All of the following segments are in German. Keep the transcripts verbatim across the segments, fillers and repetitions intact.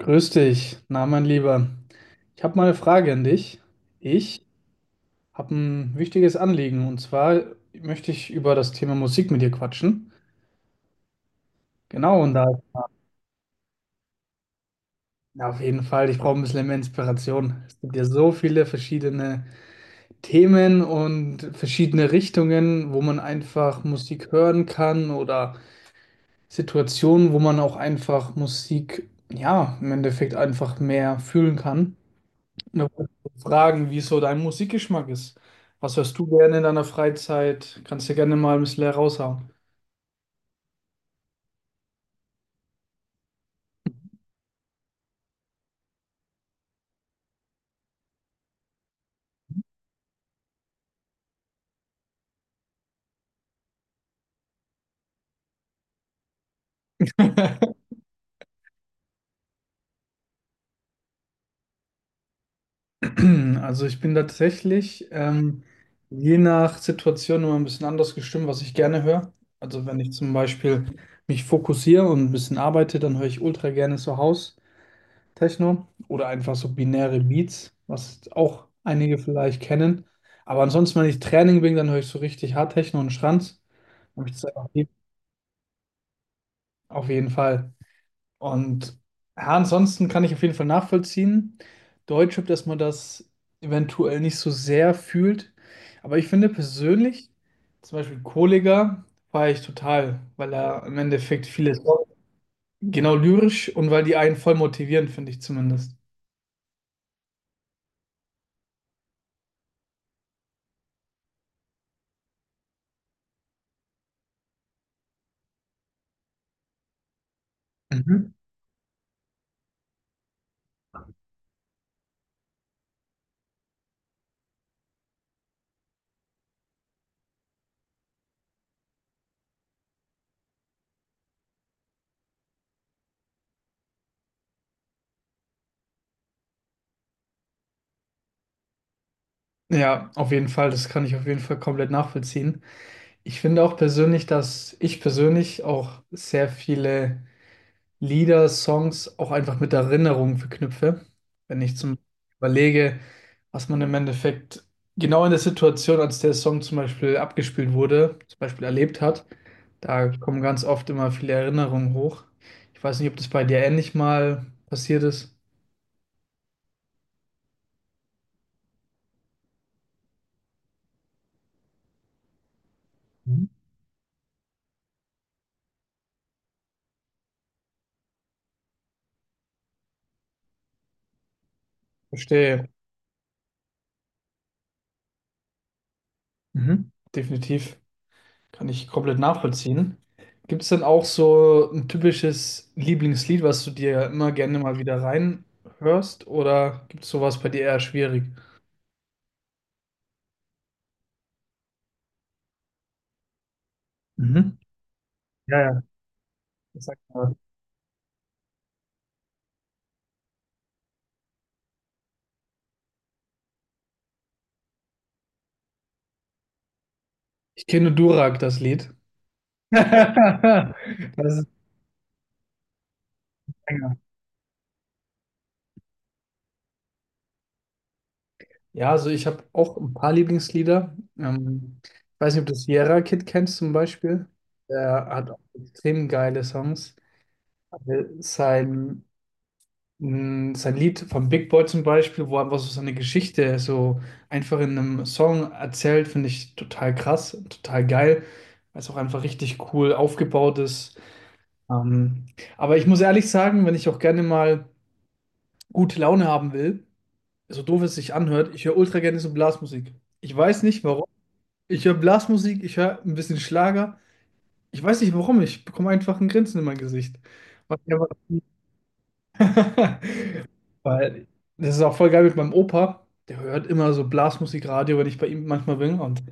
Grüß dich, na mein Lieber. Ich habe mal eine Frage an dich. Ich habe ein wichtiges Anliegen, und zwar möchte ich über das Thema Musik mit dir quatschen. Genau, und da, na, auf jeden Fall, ich brauche ein bisschen mehr Inspiration. Es gibt ja so viele verschiedene Themen und verschiedene Richtungen, wo man einfach Musik hören kann, oder Situationen, wo man auch einfach Musik, ja, im Endeffekt einfach mehr fühlen kann. Da wollte ich dich fragen, wie so dein Musikgeschmack ist. Was hörst du gerne in deiner Freizeit? Kannst du gerne mal ein bisschen heraushauen. Also ich bin tatsächlich ähm, je nach Situation immer ein bisschen anders gestimmt, was ich gerne höre. Also wenn ich zum Beispiel mich fokussiere und ein bisschen arbeite, dann höre ich ultra gerne so House-Techno oder einfach so binäre Beats, was auch einige vielleicht kennen. Aber ansonsten, wenn ich Training bin, dann höre ich so richtig Hard-Techno und Schranz. Hab ich Auf jeden Fall. Und ja, ansonsten kann ich auf jeden Fall nachvollziehen, Deutsche, dass man das eventuell nicht so sehr fühlt. Aber ich finde persönlich, zum Beispiel Kollega, feiere ich total, weil er im Endeffekt vieles, genau, lyrisch, und weil die einen voll motivieren, finde ich zumindest. Mhm. Ja, auf jeden Fall, das kann ich auf jeden Fall komplett nachvollziehen. Ich finde auch persönlich, dass ich persönlich auch sehr viele Lieder, Songs auch einfach mit Erinnerungen verknüpfe. Wenn ich zum überlege, was man im Endeffekt genau in der Situation, als der Song zum Beispiel abgespielt wurde, zum Beispiel erlebt hat, da kommen ganz oft immer viele Erinnerungen hoch. Ich weiß nicht, ob das bei dir ähnlich mal passiert ist. Mhm. Verstehe. Mhm. Definitiv. Kann ich komplett nachvollziehen. Gibt es denn auch so ein typisches Lieblingslied, was du dir immer gerne mal wieder reinhörst? Oder gibt es sowas bei dir eher schwierig? Mhm. Ja, ja, das sagt man. Ich kenne Durak, das Lied. Das ist länger. Ja, also ich habe auch ein paar Lieblingslieder. Ähm, ich weiß nicht, ob du Sierra Kid kennst zum Beispiel. Der hat auch extrem geile Songs. Sein Mm, Sein Lied von Big Boy zum Beispiel, wo er einfach so seine Geschichte so einfach in einem Song erzählt, finde ich total krass, total geil, weil es auch einfach richtig cool aufgebaut ist. Ähm, aber ich muss ehrlich sagen, wenn ich auch gerne mal gute Laune haben will, so doof es sich anhört, ich höre ultra gerne so Blasmusik. Ich weiß nicht warum. Ich höre Blasmusik, ich höre ein bisschen Schlager. Ich weiß nicht warum, ich bekomme einfach ein Grinsen in mein Gesicht. Was ich einfach weil das ist auch voll geil mit meinem Opa. Der hört immer so Blasmusikradio, wenn ich bei ihm manchmal bin. Und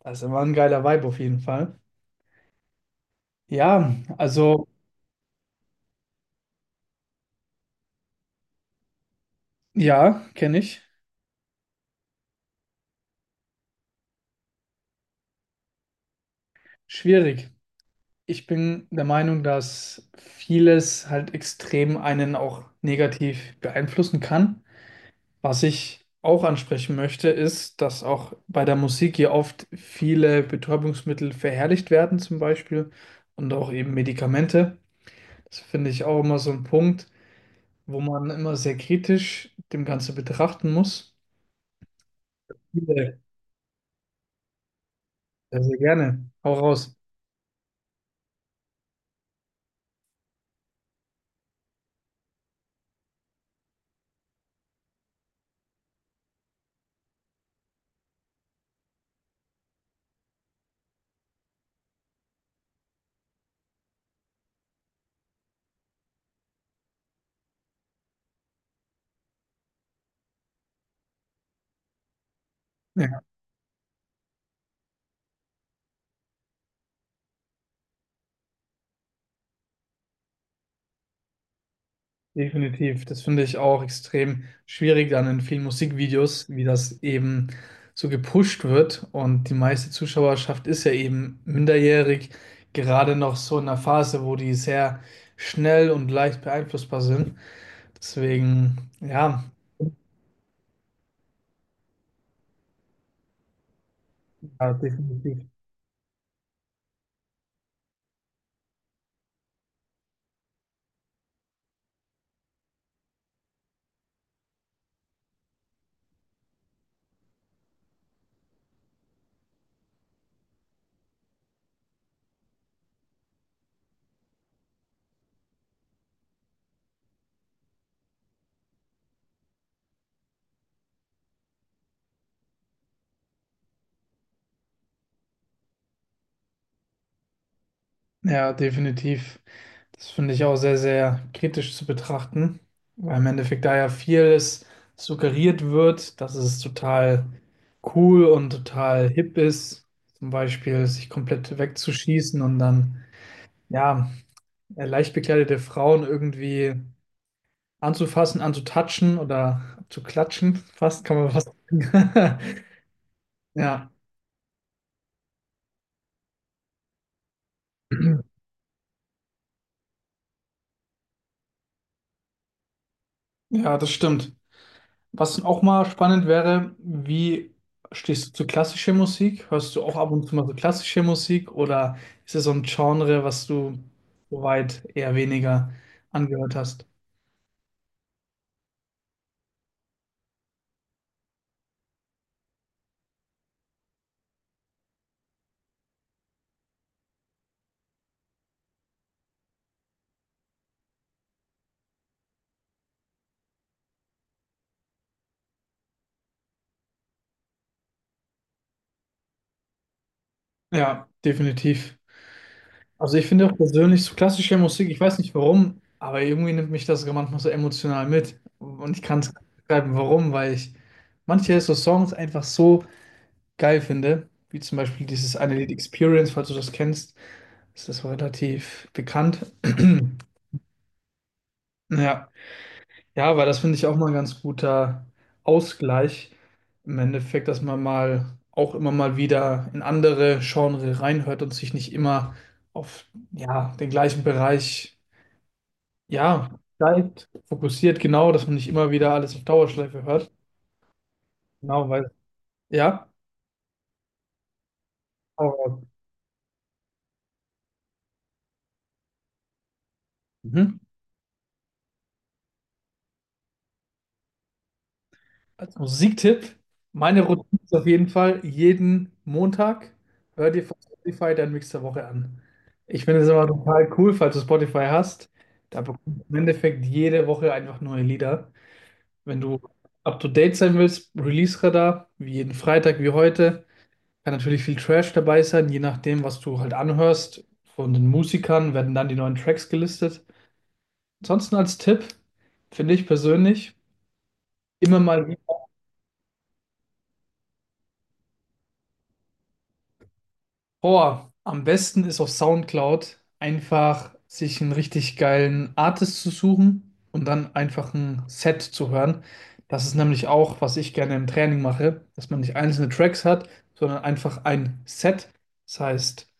das ist immer ein geiler Vibe auf jeden Fall. Ja, also ja, kenne ich. Schwierig. Ich bin der Meinung, dass vieles halt extrem einen auch negativ beeinflussen kann. Was ich auch ansprechen möchte, ist, dass auch bei der Musik hier oft viele Betäubungsmittel verherrlicht werden, zum Beispiel, und auch eben Medikamente. Das finde ich auch immer so ein Punkt, wo man immer sehr kritisch dem Ganze betrachten muss. Viele, sehr, sehr gerne. Hau raus. Ja, definitiv. Das finde ich auch extrem schwierig dann in vielen Musikvideos, wie das eben so gepusht wird. Und die meiste Zuschauerschaft ist ja eben minderjährig, gerade noch so in einer Phase, wo die sehr schnell und leicht beeinflussbar sind. Deswegen, ja, ja, definitiv. Ja, definitiv. Das finde ich auch sehr, sehr kritisch zu betrachten, weil im Endeffekt da ja vieles suggeriert wird, dass es total cool und total hip ist, zum Beispiel sich komplett wegzuschießen und dann, ja, leicht bekleidete Frauen irgendwie anzufassen, anzutatschen oder zu klatschen, fast kann man fast sagen. Ja, ja, das stimmt. Was auch mal spannend wäre, wie stehst du zu klassischer Musik? Hörst du auch ab und zu mal so klassische Musik, oder ist es so ein Genre, was du soweit eher weniger angehört hast? Ja, definitiv. Also ich finde auch persönlich so klassische Musik, ich weiß nicht warum, aber irgendwie nimmt mich das sogar manchmal so emotional mit. Und ich kann es beschreiben, warum, weil ich manche so Songs einfach so geil finde, wie zum Beispiel dieses eine Lied Experience, falls du das kennst, ist das relativ bekannt. Ja, ja, aber das finde ich auch mal ein ganz guter Ausgleich im Endeffekt, dass man mal auch immer mal wieder in andere Genre reinhört und sich nicht immer auf, ja, den gleichen Bereich, ja, bleibt, fokussiert, genau, dass man nicht immer wieder alles auf Dauerschleife hört. Genau, weil ja, aber, mhm. Als Musiktipp, meine Routine ist auf jeden Fall jeden Montag, hör dir von Spotify deinen Mix der Woche an. Ich finde es immer total cool, falls du Spotify hast. Da bekommst du im Endeffekt jede Woche einfach neue Lieder. Wenn du up to date sein willst, Release-Radar, wie jeden Freitag, wie heute. Kann natürlich viel Trash dabei sein, je nachdem, was du halt anhörst. Von den Musikern werden dann die neuen Tracks gelistet. Ansonsten als Tipp, finde ich persönlich, immer mal, boah, am besten ist auf SoundCloud einfach sich einen richtig geilen Artist zu suchen und dann einfach ein Set zu hören. Das ist nämlich auch, was ich gerne im Training mache, dass man nicht einzelne Tracks hat, sondern einfach ein Set. Das heißt,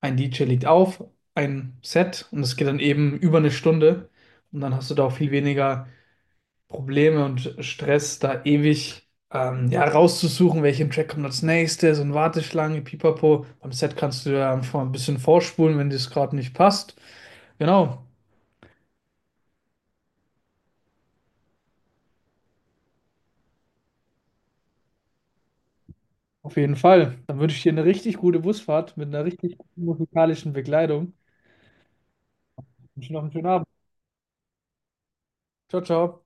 ein D J legt auf, ein Set, und es geht dann eben über eine Stunde, und dann hast du da auch viel weniger Probleme und Stress, da ewig ähm, ja, rauszusuchen, welchen Track kommt als nächstes und Warteschlange, Pipapo. Beim Set kannst du ja einfach ein bisschen vorspulen, wenn dir es gerade nicht passt. Genau, auf jeden Fall. Dann wünsche ich dir eine richtig gute Busfahrt mit einer richtig guten musikalischen Begleitung. Ich wünsche dir noch einen schönen Abend. Ciao, ciao.